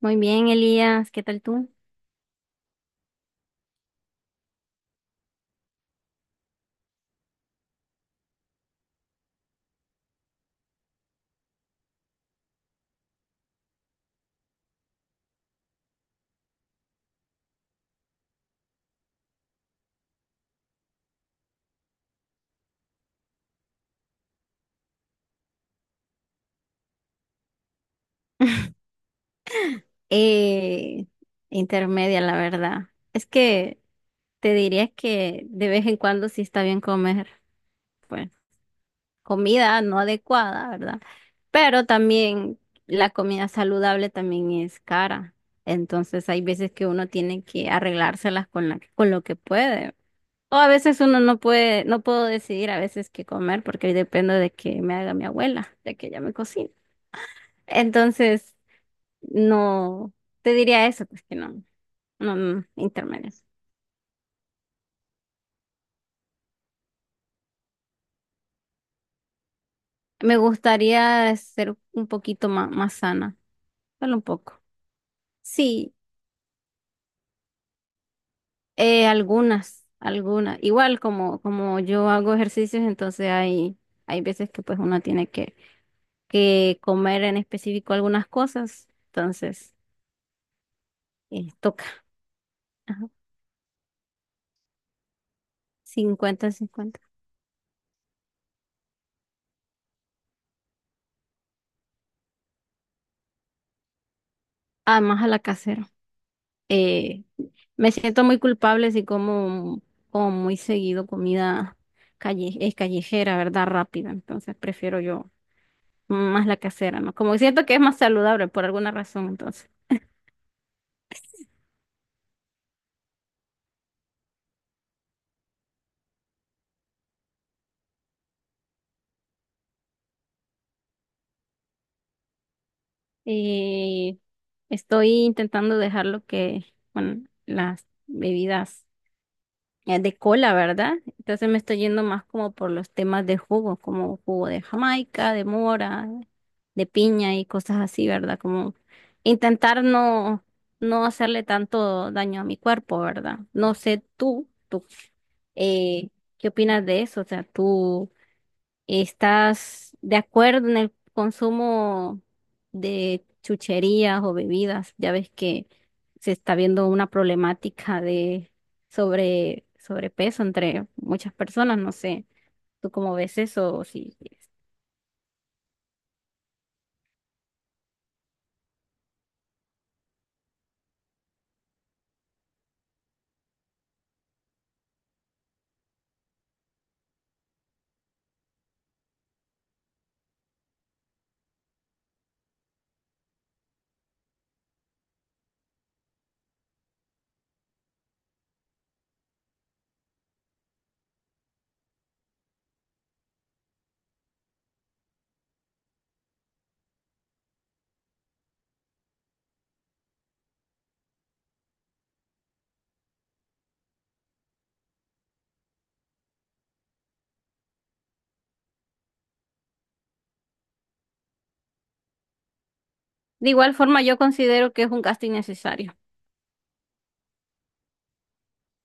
Muy bien, Elías, ¿qué tal tú? Eh, Intermedia, la verdad. Es que te diría que de vez en cuando sí está bien comer, pues, comida no adecuada, ¿verdad? Pero también la comida saludable también es cara. Entonces hay veces que uno tiene que arreglárselas con con lo que puede. O a veces uno no puede, no puedo decidir a veces qué comer porque depende de que me haga mi abuela, de que ella me cocine. Entonces no, te diría eso, pues que no, no, no, intermedias. Me gustaría ser un poquito más sana, solo un poco. Sí, algunas, algunas. Igual como yo hago ejercicios, entonces hay veces que pues uno tiene que comer en específico algunas cosas, entonces toca. Ajá, cincuenta 50. Ah, más a la casera. eh, Me siento muy culpable si como muy seguido comida calle, es callejera, ¿verdad? Rápida. Entonces prefiero yo más la casera, ¿no? Como siento que es más saludable por alguna razón, entonces. Eh, Estoy intentando dejar lo que, bueno, las bebidas de cola, ¿verdad? Entonces me estoy yendo más como por los temas de jugo, como jugo de Jamaica, de mora. De piña y cosas así, ¿verdad? Como intentar no, no hacerle tanto daño a mi cuerpo, ¿verdad? No sé tú, eh, ¿qué opinas de eso? O sea, ¿tú estás de acuerdo en el consumo de chucherías o bebidas? Ya ves que se está viendo una problemática de sobrepeso entre muchas personas, no sé. ¿Tú cómo ves eso? O si- De igual forma, yo considero que es un gasto innecesario.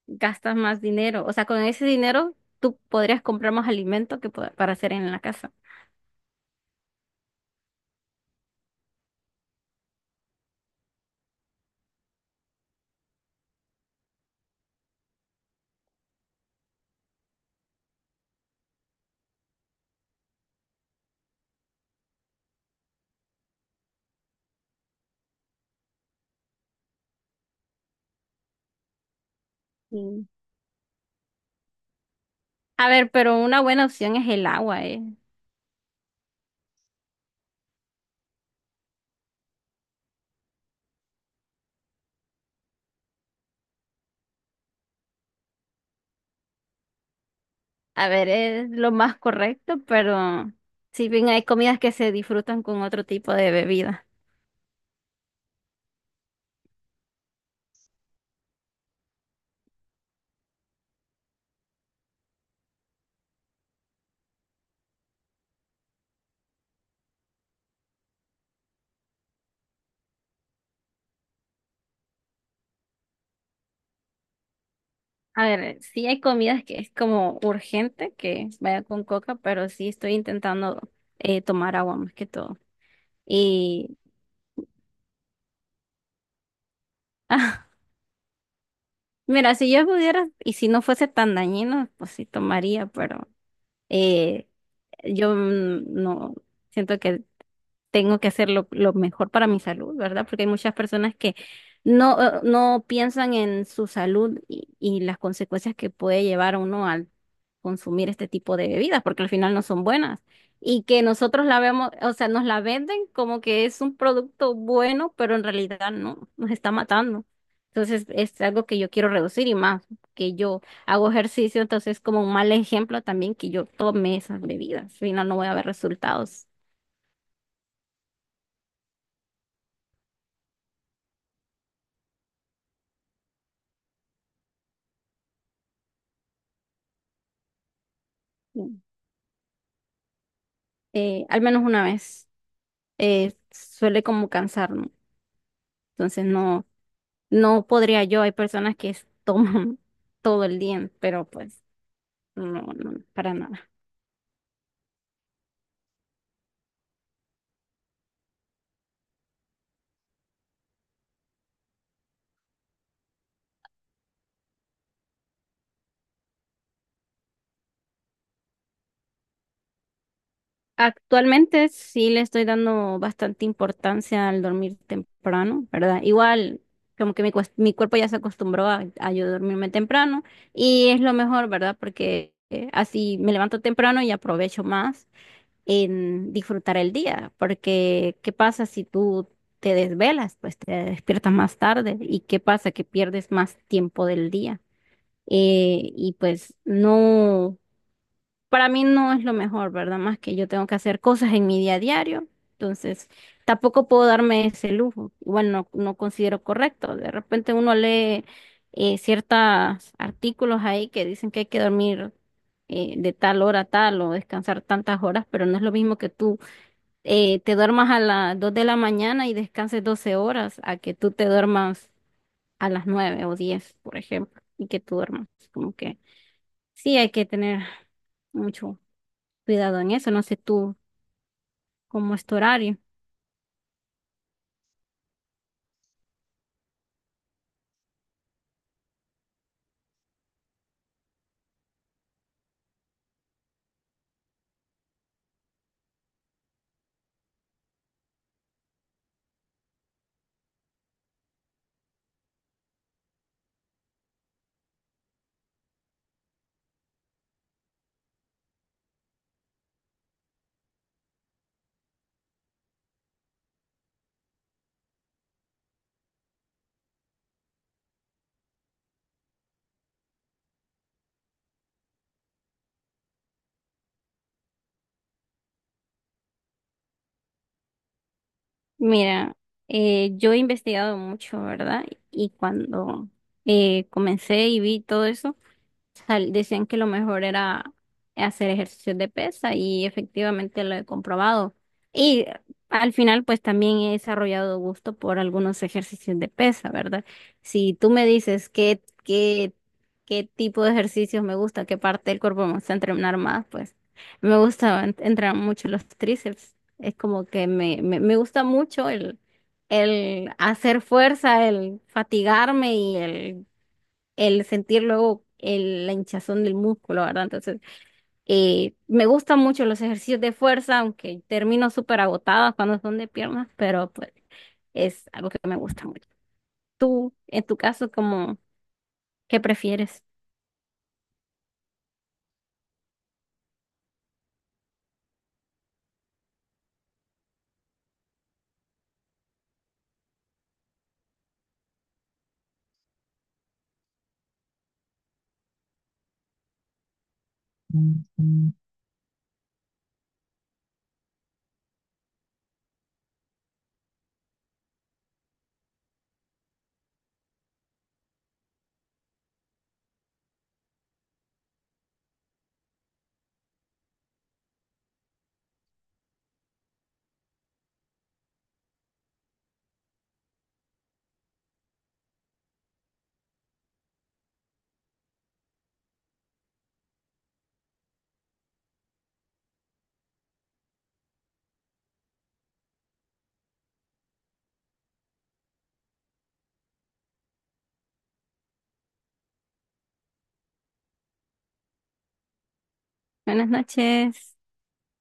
Gastas más dinero. O sea, con ese dinero tú podrías comprar más alimento para hacer en la casa. Mm. A ver, pero una buena opción es el agua, ¿eh? A ver, es lo más correcto, pero si bien hay comidas que se disfrutan con otro tipo de bebida. A ver, sí hay comidas que es como urgente que vaya con coca, pero sí estoy intentando tomar agua más que todo. Y mira, si yo pudiera y si no fuese tan dañino, pues sí tomaría, pero Eh, yo no siento que tengo que hacer lo mejor para mi salud, ¿verdad? Porque hay muchas personas que no, no piensan en su salud y las consecuencias que puede llevar uno al consumir este tipo de bebidas, porque al final no son buenas. Y que nosotros la vemos, o sea, nos la venden como que es un producto bueno, pero en realidad no, nos está matando. Entonces es algo que yo quiero reducir y más, que yo hago ejercicio, entonces es como un mal ejemplo también que yo tome esas bebidas, al final no voy a ver resultados. Al menos una vez, suele como cansarme. Entonces no, no podría yo. Hay personas toman todo el día, pero pues no, no, para nada. Actualmente sí le estoy dando bastante importancia al dormir temprano, ¿verdad? Igual, como que mi cuerpo ya se acostumbró a yo dormirme temprano y es lo mejor, ¿verdad? Porque así me levanto temprano y aprovecho más en disfrutar el día, porque ¿qué pasa si tú te desvelas? Pues te despiertas más tarde y ¿qué pasa? Que pierdes más tiempo del día. Y pues no, para mí no es lo mejor, ¿verdad? Más que yo tengo que hacer cosas en mi día a diario, entonces tampoco puedo darme ese lujo. Igual no, no considero correcto. De repente uno lee ciertos artículos ahí que dicen que hay que dormir de tal hora a tal o descansar tantas horas, pero no es lo mismo que tú te duermas a las 2 de la mañana y descanses 12 horas, a que tú te duermas a las 9 o 10 por ejemplo, y que tú duermas. Como que sí, hay que tener mucho cuidado en eso. No sé tú cómo es tu horario. Mira, yo he investigado mucho, ¿verdad? Y cuando comencé y vi todo eso, decían que lo mejor era hacer ejercicios de pesa y efectivamente lo he comprobado. Y al final, pues también he desarrollado gusto por algunos ejercicios de pesa, ¿verdad? Si tú me dices qué tipo de ejercicios me gusta, qué parte del cuerpo me gusta entrenar más, pues me gusta entrenar mucho los tríceps. Es como que me gusta mucho el hacer fuerza, el fatigarme y el sentir luego la hinchazón del músculo, ¿verdad? Entonces, me gustan mucho los ejercicios de fuerza, aunque termino súper agotada cuando son de piernas, pero pues es algo que me gusta mucho. Tú, en tu caso, cómo ¿qué prefieres? Buenas noches.